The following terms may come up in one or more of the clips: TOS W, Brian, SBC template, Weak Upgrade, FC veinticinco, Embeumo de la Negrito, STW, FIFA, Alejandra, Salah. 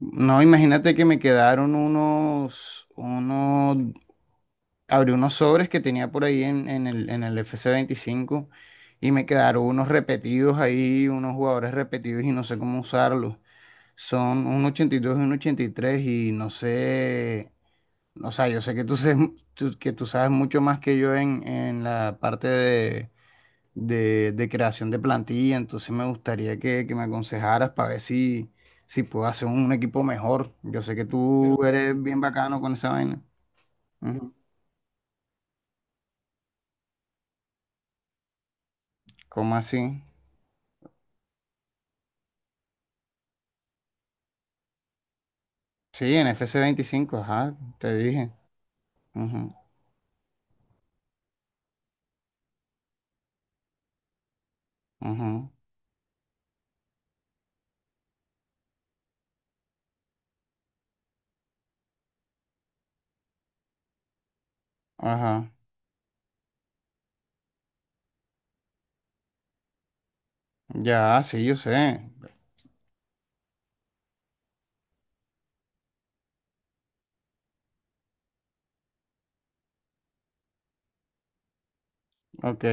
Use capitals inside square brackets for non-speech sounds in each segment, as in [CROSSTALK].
No, imagínate que me quedaron unos, abrí unos sobres que tenía por ahí en el fc veinticinco y me quedaron unos repetidos ahí, unos jugadores repetidos y no sé cómo usarlos. Son un ochenta y dos y un 83 y tres y no sé, o sea, yo sé que [LAUGHS] que tú sabes mucho más que yo en, en la parte de creación de plantilla, entonces me gustaría que me aconsejaras para ver si, si puedo hacer un equipo mejor. Yo sé que tú. Pero, eres bien bacano con esa vaina. Ujú. ¿Cómo así? Sí, en F C veinticinco, ajá, te dije. Ujú, ujú, ajá. Ya, sí, yo sé. Ok,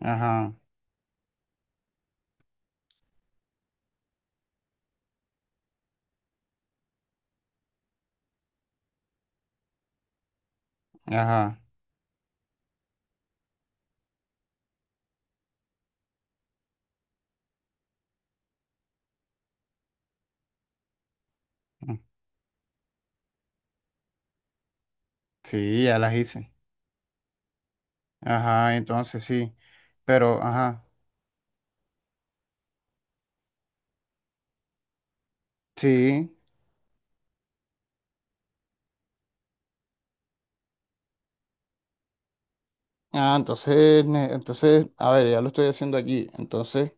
ajá, ajá. Mm, sí, ya las hice. Ajá, entonces sí. Pero, ajá, sí. Ah, entonces, a ver, ya lo estoy haciendo aquí. Entonces,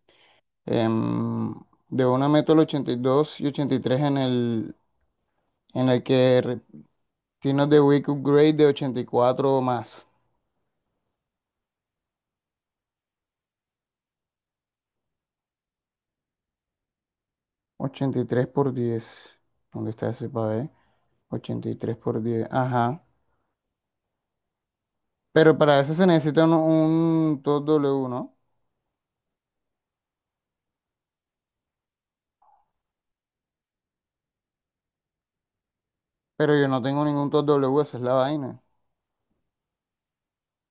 em, de una Metal 82 y 83 en el que tienes de Weak Upgrade de 84 o más. 83 por 10. ¿Dónde está ese para ver? 83 por 10. Ajá. Pero para eso se necesita un TOS W, ¿no? Pero yo no tengo ningún TOS W, esa es la vaina.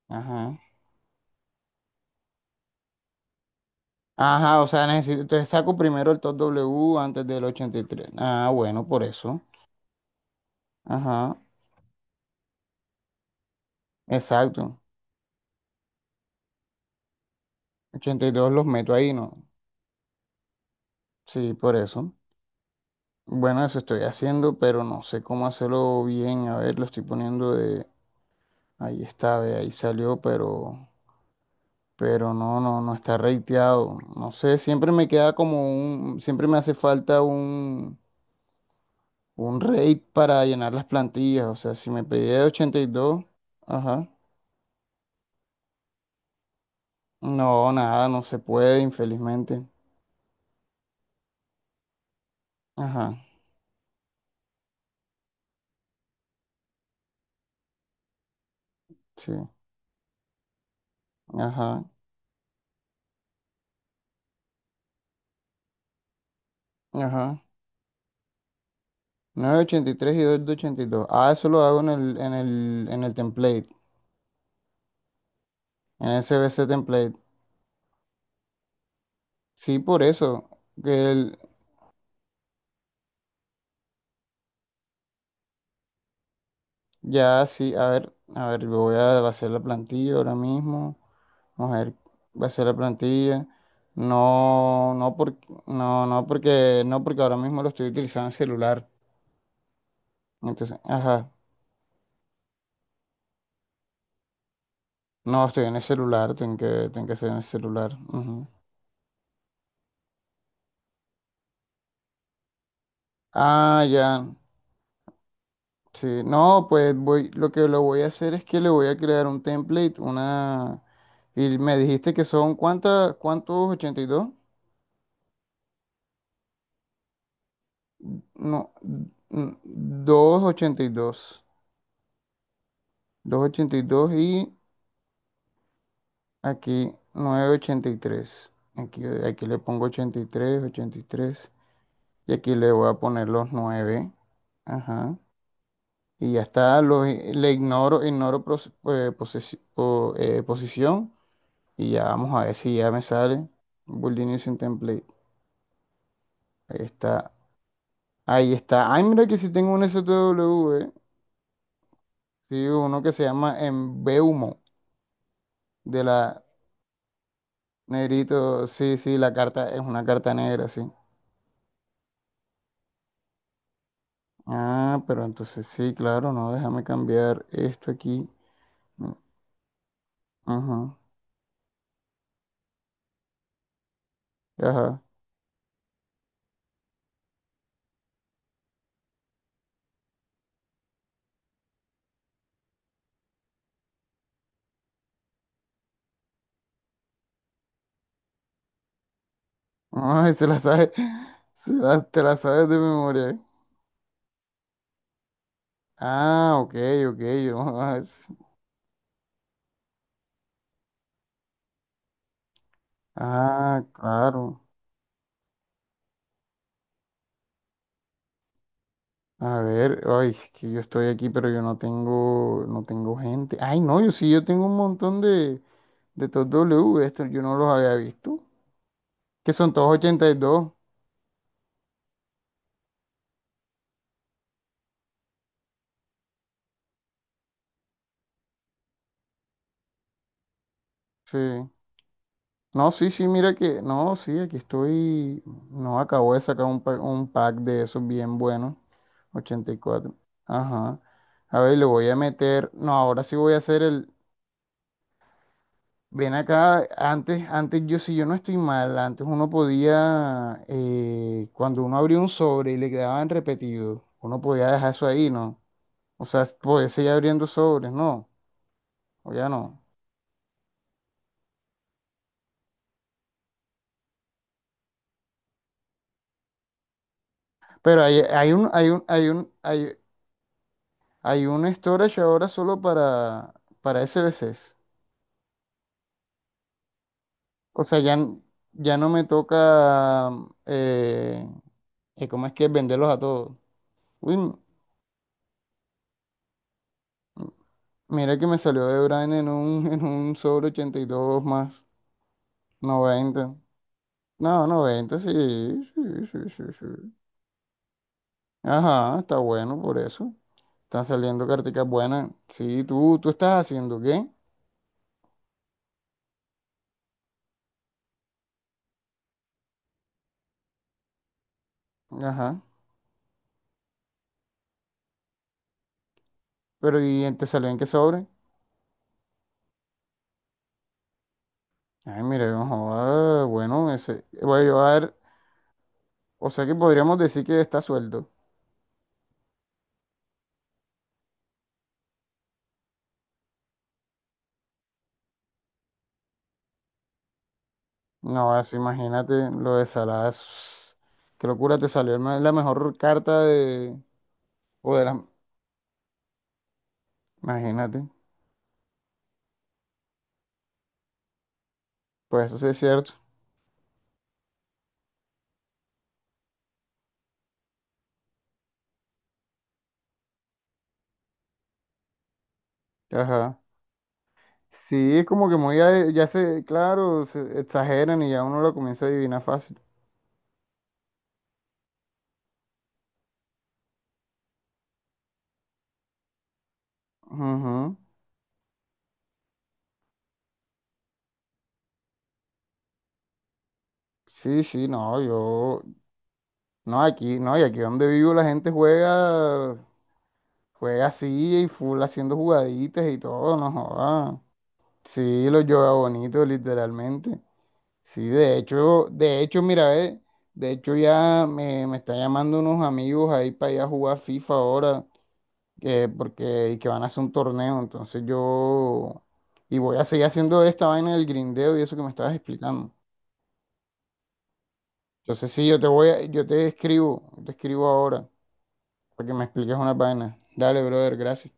Ajá. Ajá, o sea, necesito, entonces saco primero el TOS W antes del 83. Ah, bueno, por eso. Ajá, exacto. 82 los meto ahí, ¿no? Sí, por eso. Bueno, eso estoy haciendo, pero no sé cómo hacerlo bien. A ver, lo estoy poniendo de... Ahí está, de ahí salió, pero... Pero no está rateado. No sé, siempre me queda como un... Siempre me hace falta un... Un rate para llenar las plantillas. O sea, si me pedía de 82, ajá. No, nada, no se puede, infelizmente. Ajá, sí. Ajá, ajá. 9.83 y 2.82. Ah, eso lo hago en el template. En SBC template. Sí, por eso. Que el- ya sí, a ver, yo voy a vaciar la plantilla ahora mismo. Vamos a ver, vaciar la plantilla. No, no porque ahora mismo lo estoy utilizando en celular. Entonces, ajá. No, estoy en el celular, tengo que hacer en el celular. Ujú. Ah, ya. Sí. No, pues voy, lo que lo voy a hacer es que le voy a crear un template, una. Y me dijiste que son ¿cuántos? Ochenta y dos. No, n- 282. Ochenta y dos, doscientos ochenta y dos y aquí novecientos ochenta y tres. Aquí le pongo ochenta y tres. Ochenta y tres y aquí le voy a poner los nueve. Ajá. Y ya está, le ignoro, posición. Y ya vamos a ver si ya me sale. Building sin template. Ahí está. Ahí está. Ay, mira que si tengo un STW, eh. Sí, uno que se llama Embeumo, de la... Negrito, sí, sí, la carta es una carta negra, sí. Ah, pero entonces sí, claro, no, déjame cambiar esto aquí. Mm, ajá, ajá. Ay, se la sabe, [LAUGHS] te la sabes de memoria. Ah, ok, ok, yo. [LAUGHS] Ah, claro. A ver, ay, es que yo estoy aquí, pero yo no tengo, no tengo gente. Ay, no, yo sí, yo tengo un montón de estos W, estos yo no los había visto. ¿Que son todos ochenta y dos? Sí. No, sí, sí, mira que, no, sí, aquí estoy, no, acabo de sacar un pack de esos bien buenos, ochenta y cuatro. Ajá. A ver, le voy a meter, no, ahora sí voy a hacer el, ven acá, si yo no estoy mal, antes uno podía, cuando uno abría un sobre y le quedaban repetidos, uno podía dejar eso ahí, ¿no? O sea, podía seguir abriendo sobres, ¿no? O ya no. Pero hay un storage ahora solo para SBCs. O sea, ya no me toca, eh, ¿cómo es que es? ¿Venderlos a todos? Uy, m- mira que me salió de Brian [LAUGHS] en un sobre 82 más noventa. No, 90 sí, sí. Ajá, está bueno por eso. Están saliendo carticas buenas. Sí, tú estás haciendo, ¿qué? Ajá. ¿Pero y te salió en qué sobre? Ay, mira, no joda, bueno, ese, voy a llevar, o sea que podríamos decir que está suelto. No, eso imagínate lo de Salah. Qué locura, te salió el la mejor carta de... O de la... Imagínate. Pues eso sí es cierto. Ajá. Sí, es como que muy... ya se, claro, se exageran y ya uno lo comienza a adivinar fácil. Ujú. Sí, sí, no, yo... No, aquí, no, y aquí donde vivo la gente juega... Juega así y full haciendo jugaditas y todo, no joda. Sí, lo yoga bonito, literalmente. Sí, mira, de hecho ya me están llamando unos amigos ahí para ir a jugar FIFA ahora, y que van a hacer un torneo, entonces yo, y voy a seguir haciendo esta vaina del grindeo y eso que me estabas explicando. Entonces sí, yo te escribo ahora, para que me expliques una vaina. Dale, brother, gracias.